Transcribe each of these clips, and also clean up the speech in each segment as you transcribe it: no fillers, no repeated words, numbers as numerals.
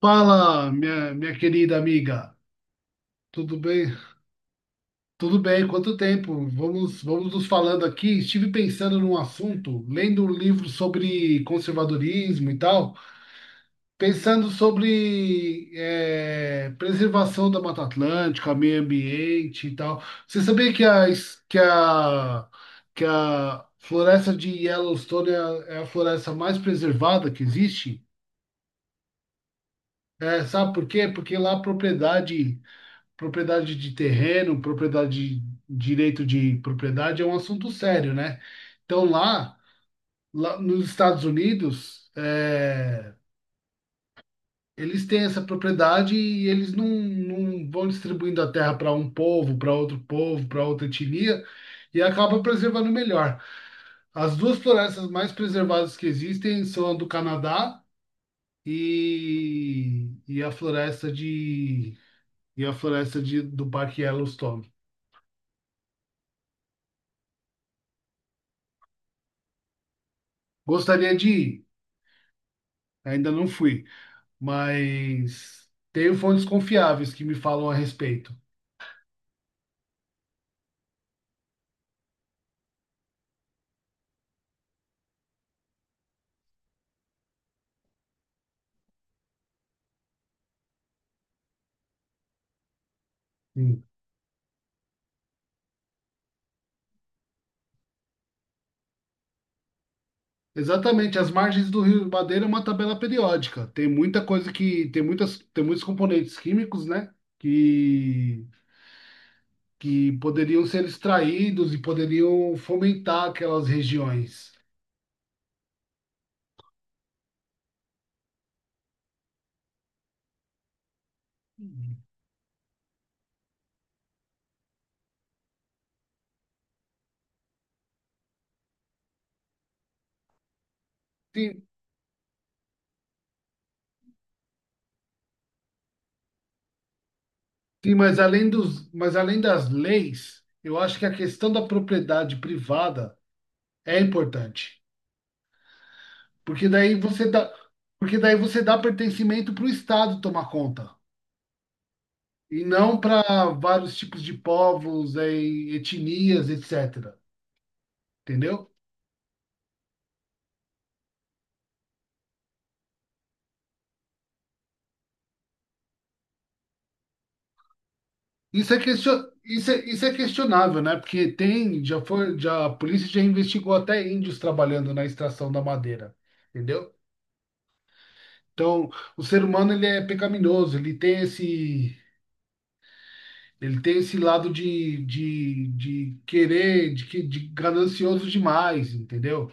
Fala, minha querida amiga. Tudo bem? Tudo bem, quanto tempo? Vamos nos falando aqui. Estive pensando num assunto, lendo um livro sobre conservadorismo e tal, pensando sobre preservação da Mata Atlântica, meio ambiente e tal. Você sabia que a, es- que a floresta de Yellowstone é a floresta mais preservada que existe? É, sabe por quê? Porque lá a propriedade de terreno, propriedade, direito de propriedade é um assunto sério, né? Então lá nos Estados Unidos, eles têm essa propriedade e eles não vão distribuindo a terra para um povo, para outro povo, para outra etnia. E acaba preservando melhor. As duas florestas mais preservadas que existem são a do Canadá e a floresta de e a floresta do Parque Yellowstone. Gostaria de ir. Ainda não fui, mas tenho fontes confiáveis que me falam a respeito. Sim. Exatamente, as margens do Rio Madeira é uma tabela periódica. Tem muita coisa que tem muitas tem muitos componentes químicos, né? Que que poderiam ser extraídos e poderiam fomentar aquelas regiões. Sim, sim, mas além das leis, eu acho que a questão da propriedade privada é importante, porque daí você dá, porque daí você dá pertencimento para o Estado tomar conta, e não para vários tipos de povos, etnias, etc. Entendeu? Isso é questionável, né? Porque tem, já foi, já, a polícia já investigou até índios trabalhando na extração da madeira, entendeu? Então, o ser humano, ele é pecaminoso, ele tem esse lado de querer, de ganancioso demais, entendeu?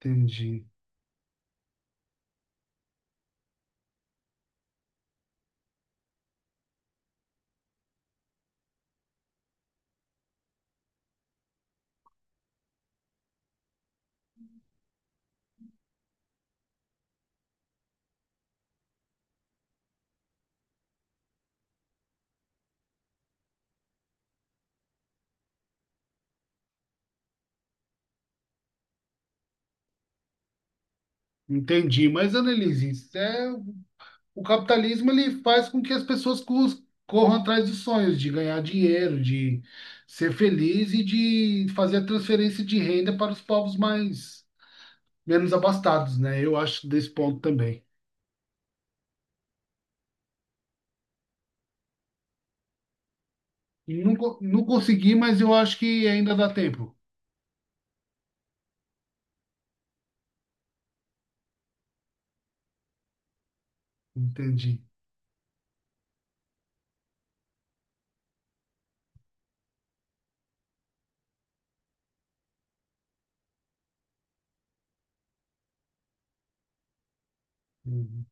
Entendi. Entendi. Mas, Annelise, o capitalismo ele faz com que as pessoas corram atrás dos sonhos, de ganhar dinheiro, de ser feliz e de fazer a transferência de renda para os povos mais menos abastados, né? Eu acho desse ponto também. E não, não consegui, mas eu acho que ainda dá tempo. Entendi. Uhum.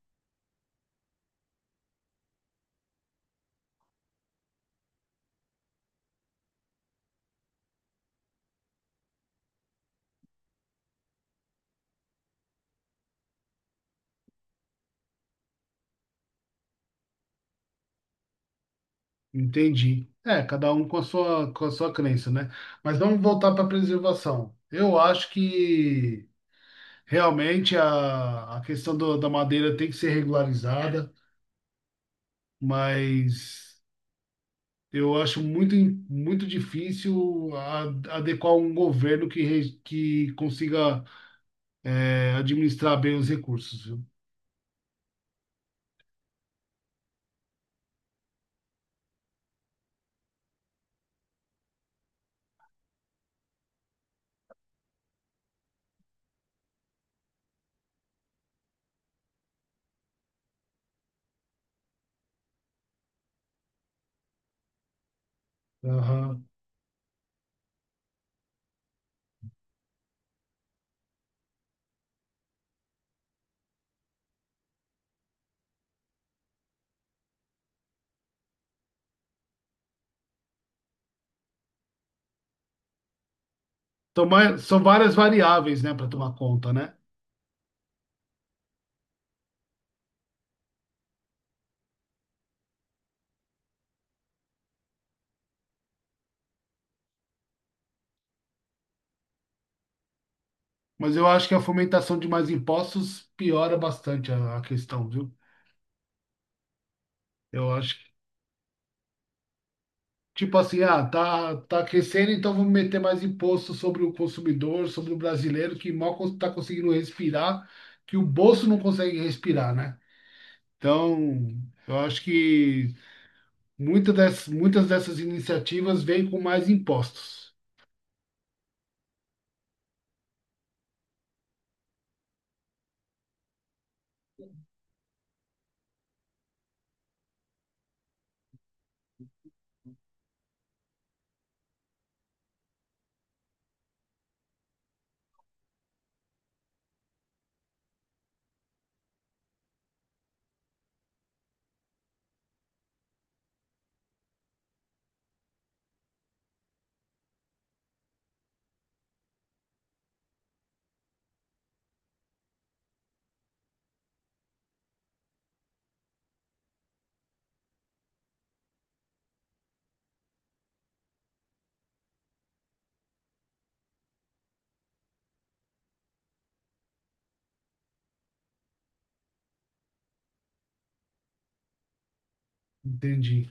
Entendi. É, cada um com a sua crença, né? Mas vamos voltar para a preservação. Eu acho que realmente a questão da madeira tem que ser regularizada. Mas eu acho muito, muito difícil adequar um governo que que consiga administrar bem os recursos, viu? Aham. Então, mas são várias variáveis, né, para tomar conta, né? Mas eu acho que a fomentação de mais impostos piora bastante a questão, viu? Eu acho que, tipo assim, ah, tá aquecendo, então vamos meter mais imposto sobre o consumidor, sobre o brasileiro, que mal está conseguindo respirar, que o bolso não consegue respirar, né? Então, eu acho que muitas dessas iniciativas vêm com mais impostos. Entendi,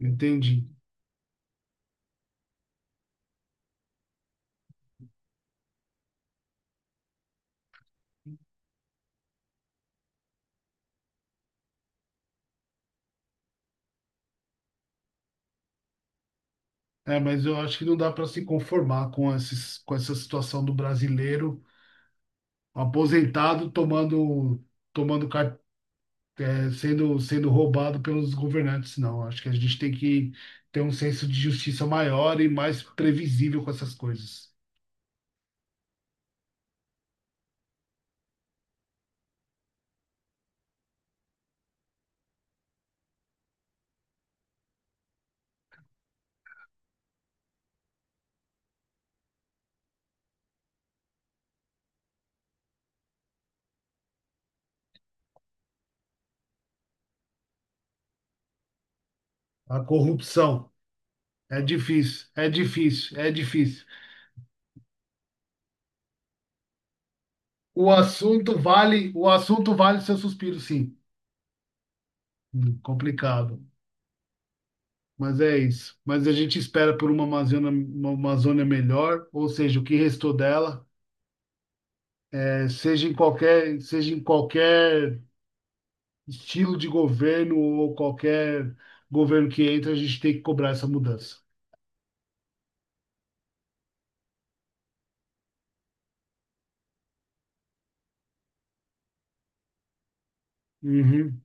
entendi. É, mas eu acho que não dá para se conformar com essa situação do brasileiro aposentado tomando, tomando, car- eh, sendo, sendo roubado pelos governantes, não. Acho que a gente tem que ter um senso de justiça maior e mais previsível com essas coisas. A corrupção é difícil, é difícil, é difícil. O assunto vale seu suspiro, sim. Complicado. Mas é isso. Mas a gente espera por uma Amazônia melhor, ou seja, o que restou dela, eh, seja em qualquer estilo de governo ou qualquer governo que entra, a gente tem que cobrar essa mudança. Uhum,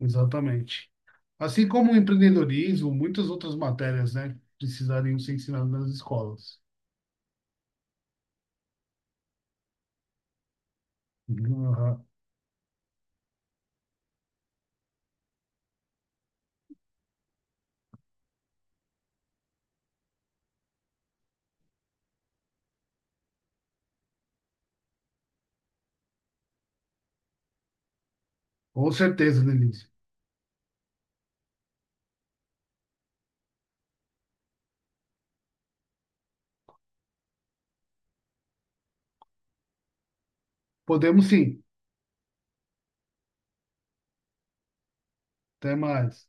exatamente. Assim como o empreendedorismo, muitas outras matérias, né, precisariam ser ensinadas nas escolas. Uhum, aham. Com certeza, Denise. Podemos sim. Até mais.